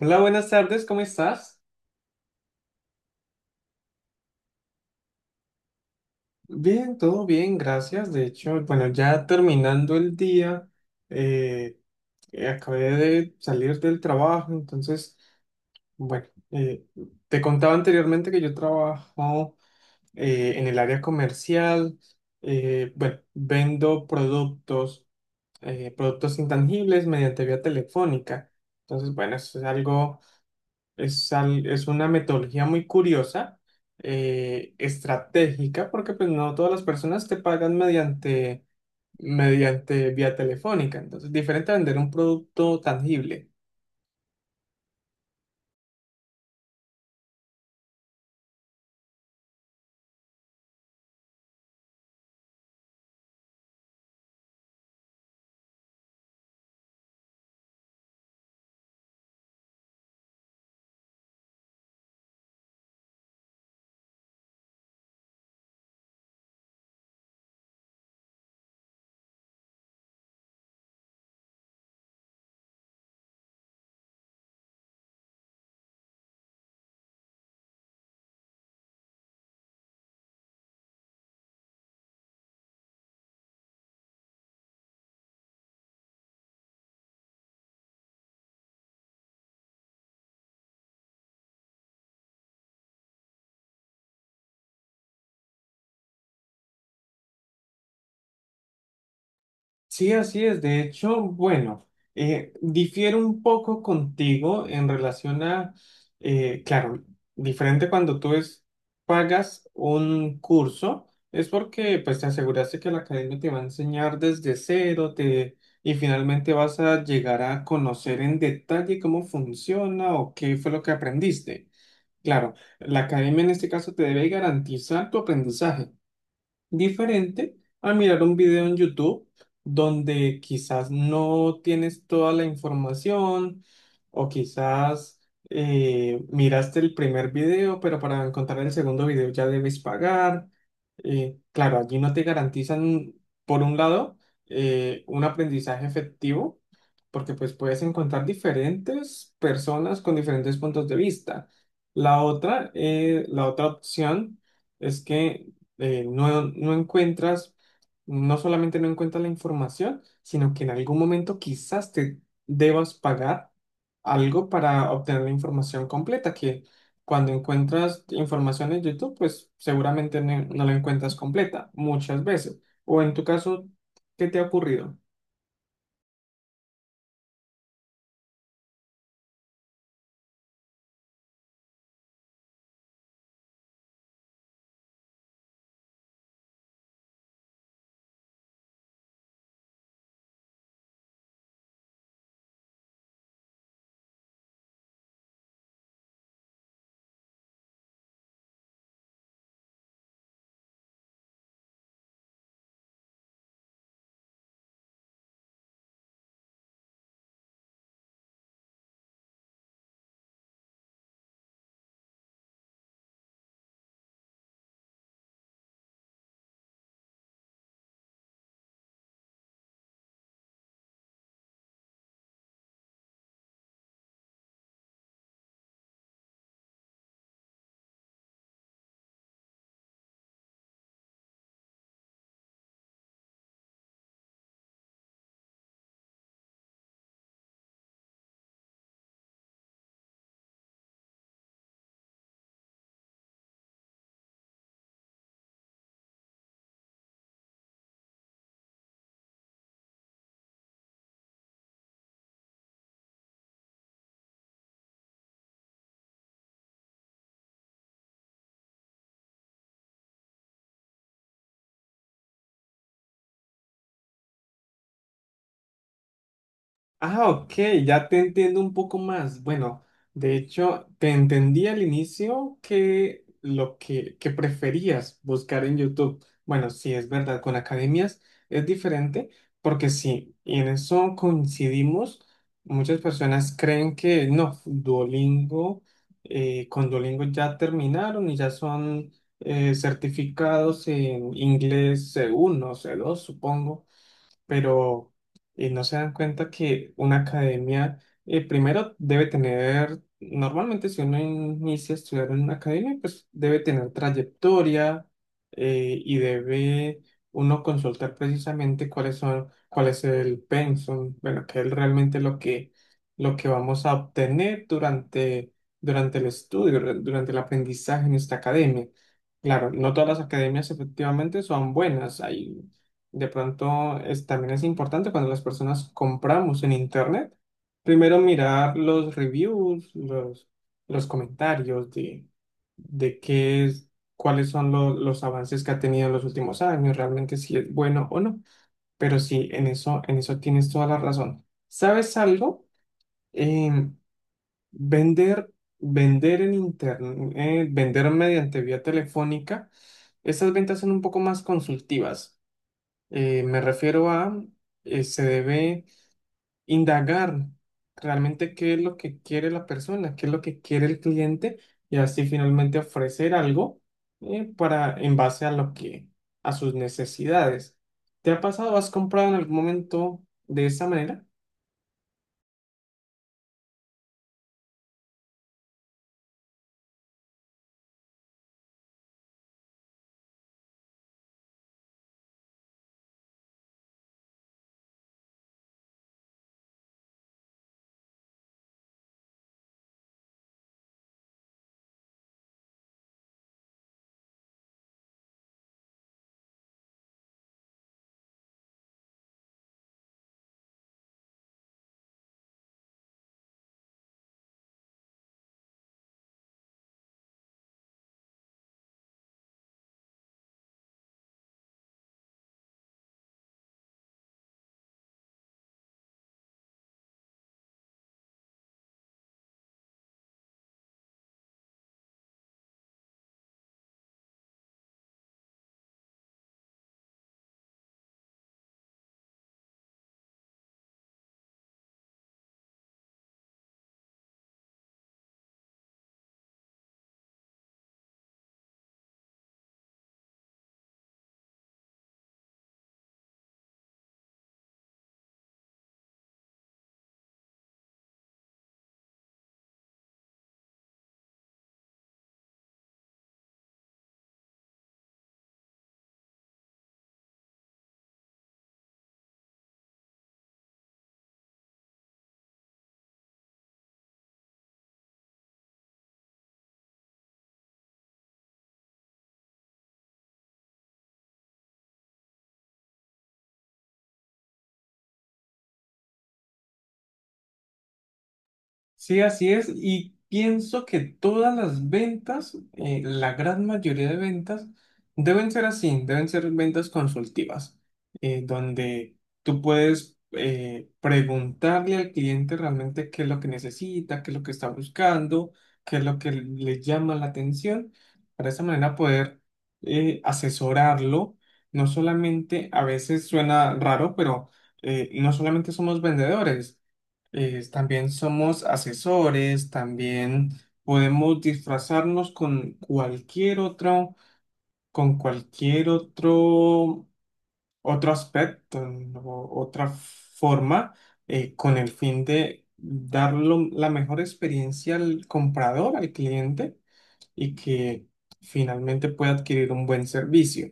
Hola, buenas tardes, ¿cómo estás? Bien, todo bien, gracias. De hecho, bueno, ya terminando el día, eh, acabé de salir del trabajo. Entonces, bueno, te contaba anteriormente que yo trabajo en el área comercial. Bueno, vendo productos, productos intangibles mediante vía telefónica. Entonces, bueno, eso es algo. Es una metodología muy curiosa, estratégica, porque pues no todas las personas te pagan mediante vía telefónica. Entonces, diferente a vender un producto tangible. Sí, así es. De hecho, bueno, difiero un poco contigo en relación a, claro, diferente cuando pagas un curso, es porque pues te aseguraste que la academia te va a enseñar desde cero, te, y finalmente vas a llegar a conocer en detalle cómo funciona o qué fue lo que aprendiste. Claro, la academia en este caso te debe garantizar tu aprendizaje, diferente a mirar un video en YouTube, donde quizás no tienes toda la información, o quizás miraste el primer video, pero para encontrar el segundo video ya debes pagar. Claro, allí no te garantizan, por un lado, un aprendizaje efectivo, porque pues puedes encontrar diferentes personas con diferentes puntos de vista. La otra opción es que no, no solamente no encuentras la información, sino que en algún momento quizás te debas pagar algo para obtener la información completa, que cuando encuentras información en YouTube, pues seguramente no la encuentras completa muchas veces. O en tu caso, ¿qué te ha ocurrido? Ah, ok, ya te entiendo un poco más. Bueno, de hecho, te entendí al inicio que que preferías buscar en YouTube. Bueno, sí, es verdad, con academias es diferente, porque sí, y en eso coincidimos. Muchas personas creen que no. Duolingo, con Duolingo ya terminaron y ya son certificados en inglés C1, C2, supongo, pero no se dan cuenta que una academia primero debe tener, normalmente si uno inicia a estudiar en una academia, pues debe tener trayectoria. Y debe uno consultar precisamente cuál es el pensum, bueno, qué es realmente lo que vamos a obtener durante el estudio, durante el aprendizaje en esta academia. Claro, no todas las academias efectivamente son buenas. Hay de pronto es, también es importante, cuando las personas compramos en internet, primero mirar los reviews, los comentarios de, de qué es, cuáles son los avances que ha tenido en los últimos años, realmente si es bueno o no. Pero sí, en eso tienes toda la razón. ¿Sabes algo? Em, vender, vender en internet, vender mediante vía telefónica, estas ventas son un poco más consultivas. Eh, me refiero a, se debe indagar realmente qué es lo que quiere la persona, qué es lo que quiere el cliente, y así finalmente ofrecer algo, para en base a a sus necesidades. ¿Te ha pasado, has comprado en algún momento de esa manera? Sí, así es. Y pienso que todas las ventas, la gran mayoría de ventas, deben ser así, deben ser ventas consultivas, donde tú puedes preguntarle al cliente realmente qué es lo que necesita, qué es lo que está buscando, qué es lo que le llama la atención, para de esa manera poder asesorarlo. No solamente, a veces suena raro, pero no solamente somos vendedores, también somos asesores, también podemos disfrazarnos con cualquier otro, otro aspecto, ¿no? O otra forma, con el fin de dar la mejor experiencia al comprador, al cliente, y que finalmente pueda adquirir un buen servicio.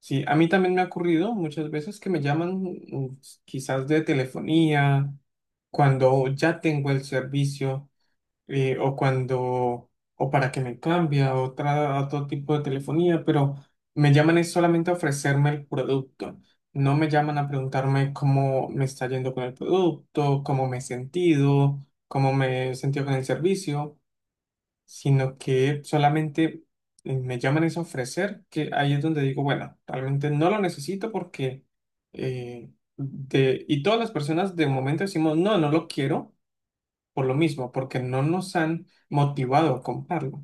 Sí, a mí también me ha ocurrido muchas veces que me llaman, mm, quizás de telefonía, cuando ya tengo el servicio, eh, o cuando, o para que me cambie a otra, a otro tipo de telefonía, pero me llaman es solamente a ofrecerme el producto. No me llaman a preguntarme cómo me está yendo con el producto, cómo me he sentido con el servicio, sino que solamente me llaman es a ofrecer, que ahí es donde digo, bueno, realmente no lo necesito porque, eh, y todas las personas de momento decimos, no, no lo quiero, por lo mismo, porque no nos han motivado a comprarlo.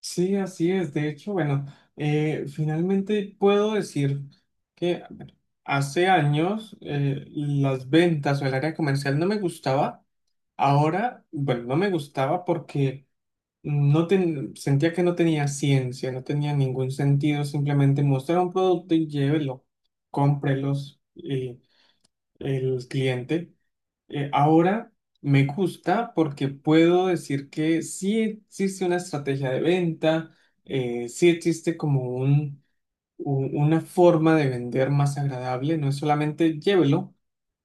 Sí, así es. De hecho, bueno, finalmente puedo decir que a ver, hace años las ventas o el área comercial no me gustaba. Ahora, bueno, no me gustaba porque sentía que no tenía ciencia, no tenía ningún sentido simplemente mostrar un producto y llévelo, cómprelos y el cliente. Ahora me gusta porque puedo decir que sí existe una estrategia de venta, sí existe como una forma de vender más agradable, no es solamente llévelo,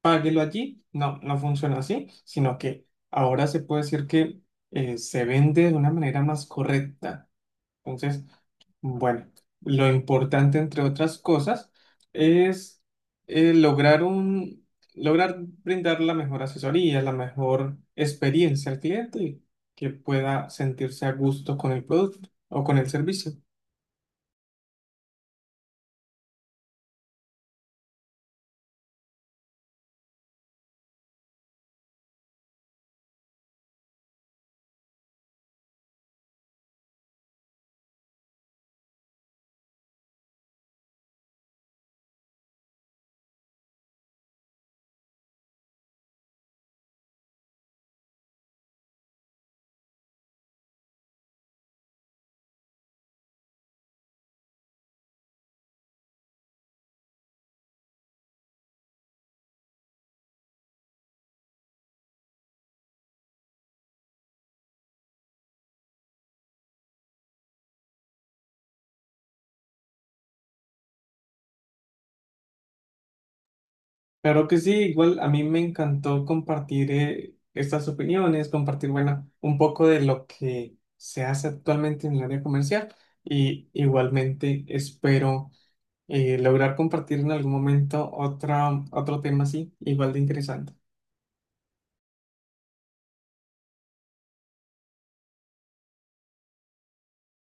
páguelo allí. No, no funciona así, sino que ahora se puede decir que se vende de una manera más correcta. Entonces, bueno, lo importante, entre otras cosas, es eh, lograr un, lograr brindar la mejor asesoría, la mejor experiencia al cliente, y que pueda sentirse a gusto con el producto o con el servicio. Claro que sí, igual a mí me encantó compartir estas opiniones, compartir, bueno, un poco de lo que se hace actualmente en el área comercial, y igualmente espero lograr compartir en algún momento otro tema así, igual de interesante.